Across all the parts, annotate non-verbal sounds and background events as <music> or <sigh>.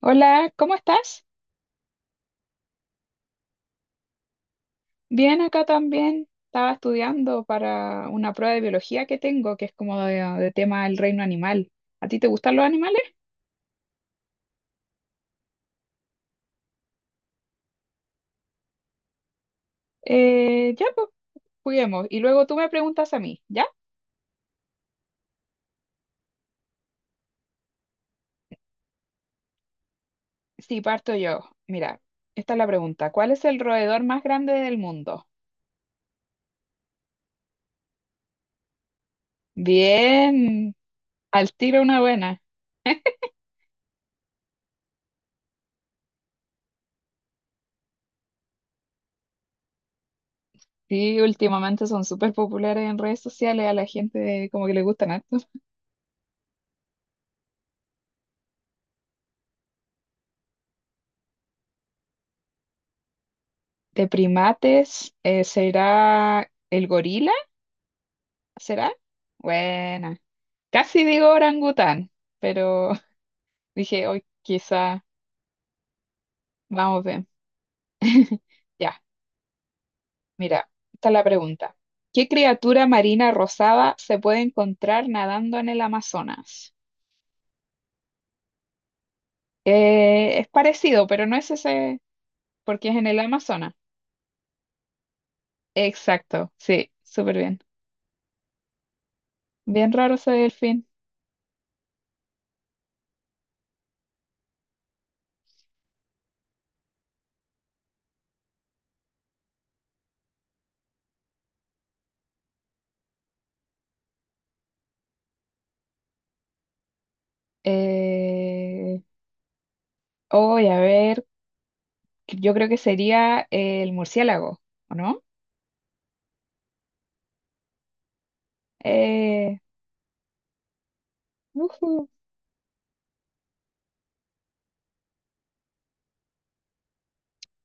Hola, ¿cómo estás? Bien, acá también. Estaba estudiando para una prueba de biología que tengo, que es como de tema del reino animal. ¿A ti te gustan los animales? Ya, pues, juguemos. Y luego tú me preguntas a mí, ¿ya? Sí, parto yo. Mira, esta es la pregunta. ¿Cuál es el roedor más grande del mundo? Bien, al tiro una buena. Sí, últimamente son súper populares en redes sociales, a la gente como que le gustan harto. De primates, ¿será el gorila? ¿Será? Buena. Casi digo orangután, pero <laughs> dije, hoy quizá vamos bien. <laughs> Ya, mira, está la pregunta. ¿Qué criatura marina rosada se puede encontrar nadando en el Amazonas? Es parecido, pero no es ese, porque es en el Amazonas. Exacto, sí, súper bien. Bien raro ese delfín. Eh, hoy, a ver, yo creo que sería el murciélago, ¿o no? Eh, ujú.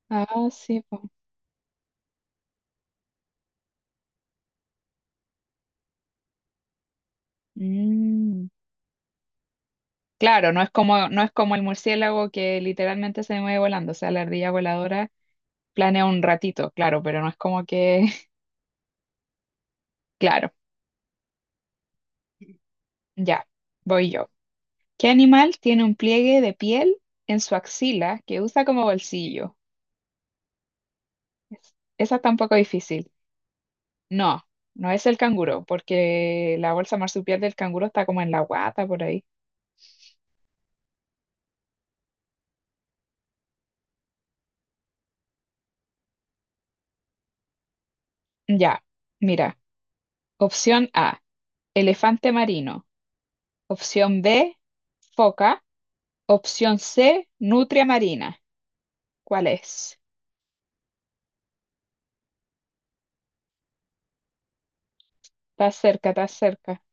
Ah, sí, pues. Mm. Claro, no es como el murciélago que literalmente se mueve volando, o sea, la ardilla voladora planea un ratito, claro, pero no es como que, <laughs> claro, ya, voy yo. ¿Qué animal tiene un pliegue de piel en su axila que usa como bolsillo? Es- Esa está un poco difícil. No, no es el canguro, porque la bolsa marsupial del canguro está como en la guata por ahí. Ya, mira, opción A, elefante marino. Opción B, foca. Opción C, nutria marina. ¿Cuál es? Está cerca, está cerca.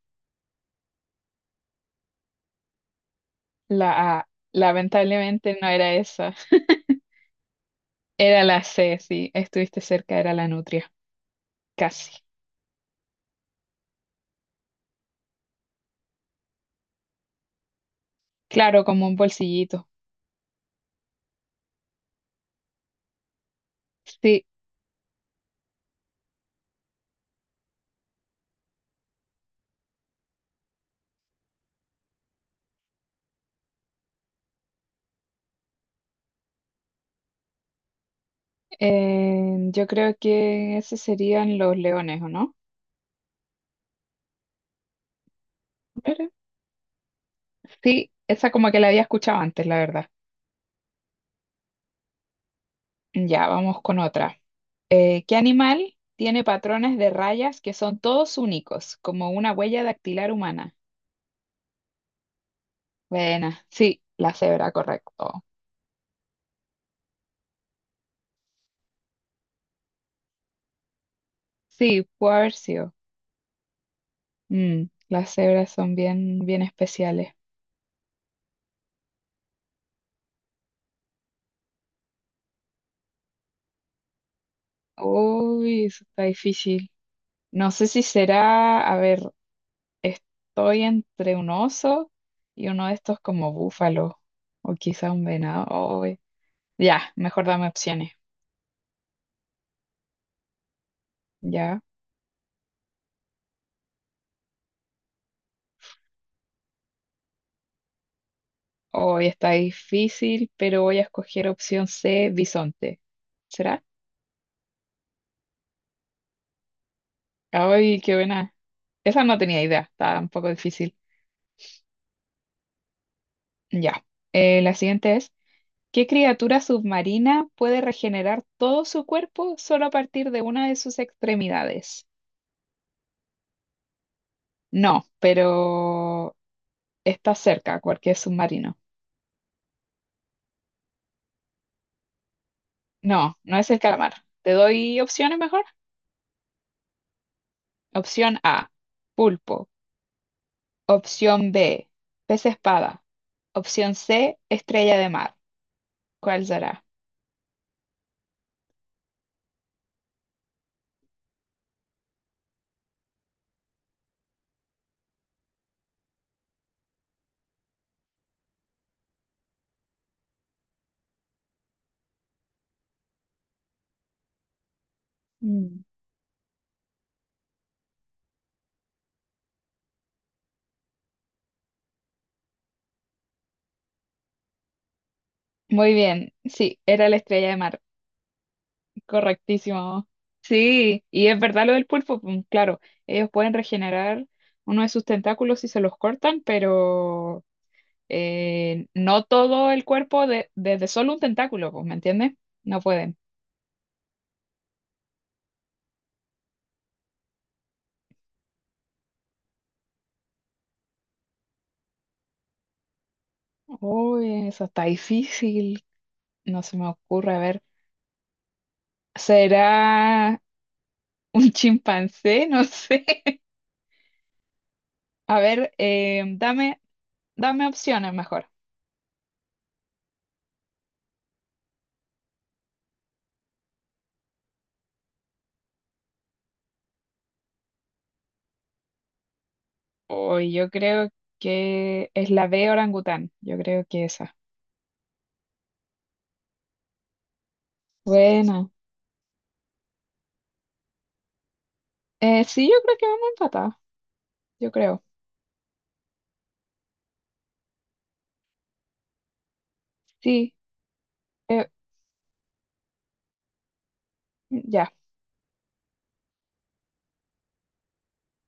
La A. Lamentablemente no era esa. Era la C, sí. Estuviste cerca, era la nutria. Casi. Claro, como un bolsillito. Sí, yo creo que esos serían los leones, ¿o no? Pero- sí, esa como que la había escuchado antes, la verdad. Ya, vamos con otra. ¿Qué animal tiene patrones de rayas que son todos únicos, como una huella dactilar humana? Buena, sí, la cebra, correcto. Sí, pudo haber sido. Mm, las cebras son bien, bien especiales. Uy, eso está difícil. No sé si será, a ver, estoy entre un oso y uno de estos como búfalo, o quizá un venado. Uy, ya, mejor dame opciones. Ya. Hoy está difícil, pero voy a escoger opción C, bisonte. ¿Será? Ay, qué buena. Esa no tenía idea, está un poco difícil. Ya. La siguiente es, ¿qué criatura submarina puede regenerar todo su cuerpo solo a partir de una de sus extremidades? No, pero está cerca, cualquier submarino. No, no es el calamar. ¿Te doy opciones mejor? Opción A, pulpo. Opción B, pez espada. Opción C, estrella de mar. ¿Cuál será? Mm. Muy bien, sí, era la estrella de mar. Correctísimo. Sí, y es verdad lo del pulpo, pum, claro, ellos pueden regenerar uno de sus tentáculos si se los cortan, pero no todo el cuerpo de- desde solo un tentáculo, pues, ¿me entiendes? No pueden. Uy, eso está difícil. No se me ocurre, a ver, ¿será un chimpancé? <laughs> No sé. A ver, dame opciones mejor. Uy, yo creo que es la B orangután. Yo creo que esa. Bueno, sí, yo creo que vamos empatados. Yo creo. Sí, eh, ya.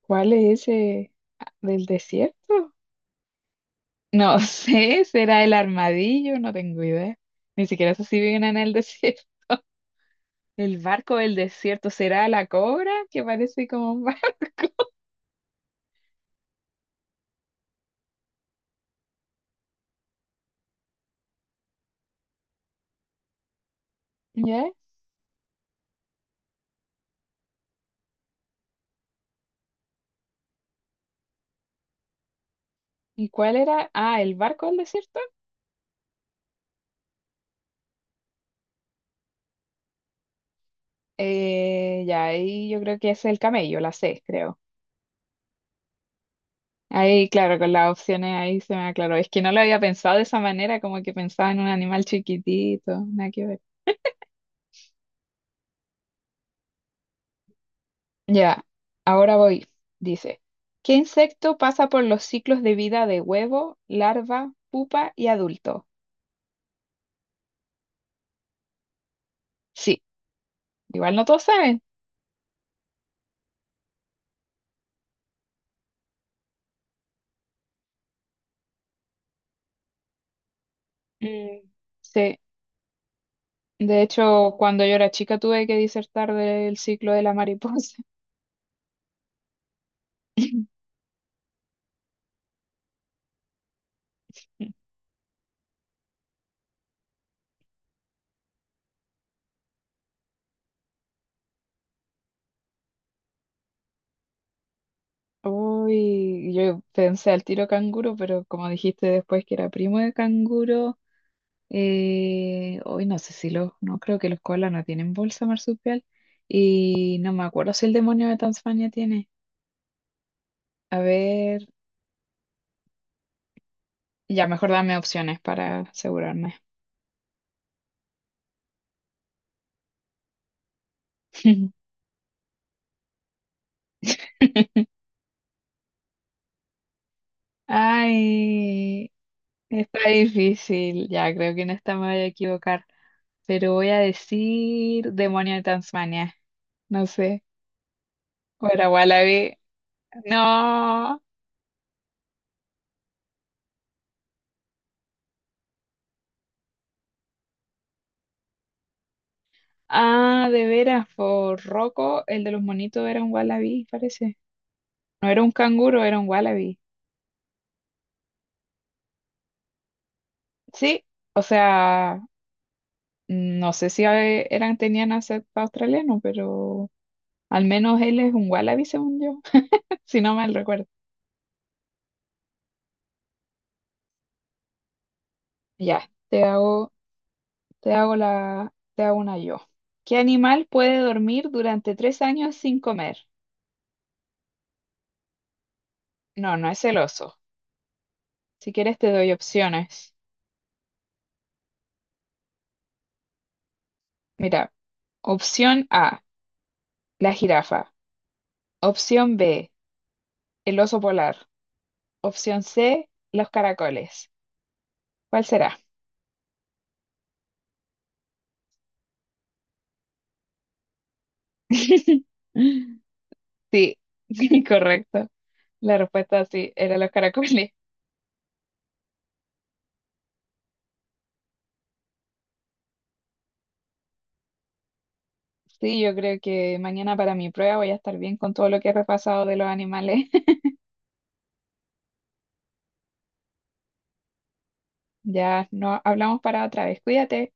¿Cuál es ese? Ah, ¿del desierto? No <laughs> sé, será el armadillo, no tengo idea. Ni siquiera sé si viven en el <laughs> desierto. El barco del desierto será la cobra, que parece como un barco. <laughs> ¿Ya? ¿Y cuál era? Ah, el barco del desierto. Ya ahí yo creo que es el camello, la C, creo. Ahí, claro, con las opciones ahí se me aclaró. Es que no lo había pensado de esa manera, como que pensaba en un animal chiquitito, nada que ver. Ya, ahora voy. Dice, ¿qué insecto pasa por los ciclos de vida de huevo, larva, pupa y adulto? Sí, igual no todos saben. Mm, sí, de hecho, cuando yo era chica tuve que disertar del ciclo de la mariposa. <laughs> Uy, yo pensé al tiro canguro, pero como dijiste después que era primo de canguro, hoy no sé si los, no creo que los koalas no tienen bolsa marsupial y no me acuerdo si el demonio de Tasmania tiene. A ver, ya mejor dame opciones para asegurarme. <laughs> Ay, está difícil, ya creo que en esta me voy a equivocar, pero voy a decir demonio de Tasmania, no sé, o era Wallaby. No. Ah, de veras, por Rocco, el de los monitos era un wallaby, parece. No era un canguro, era un wallaby. Sí, o sea, no sé si eran, tenían acento australiano, pero al menos él es un wallaby, según yo, <laughs> si no mal recuerdo. Ya, te hago una yo. ¿Qué animal puede dormir durante 3 años sin comer? No, no es el oso. Si quieres te doy opciones. Mira, opción A, la jirafa. Opción B, el oso polar. Opción C, los caracoles. ¿Cuál será? <laughs> Sí, <laughs> correcto. La respuesta sí, era los caracoles. Sí, yo creo que mañana para mi prueba voy a estar bien con todo lo que he repasado de los animales. <laughs> Ya no hablamos para otra vez. Cuídate.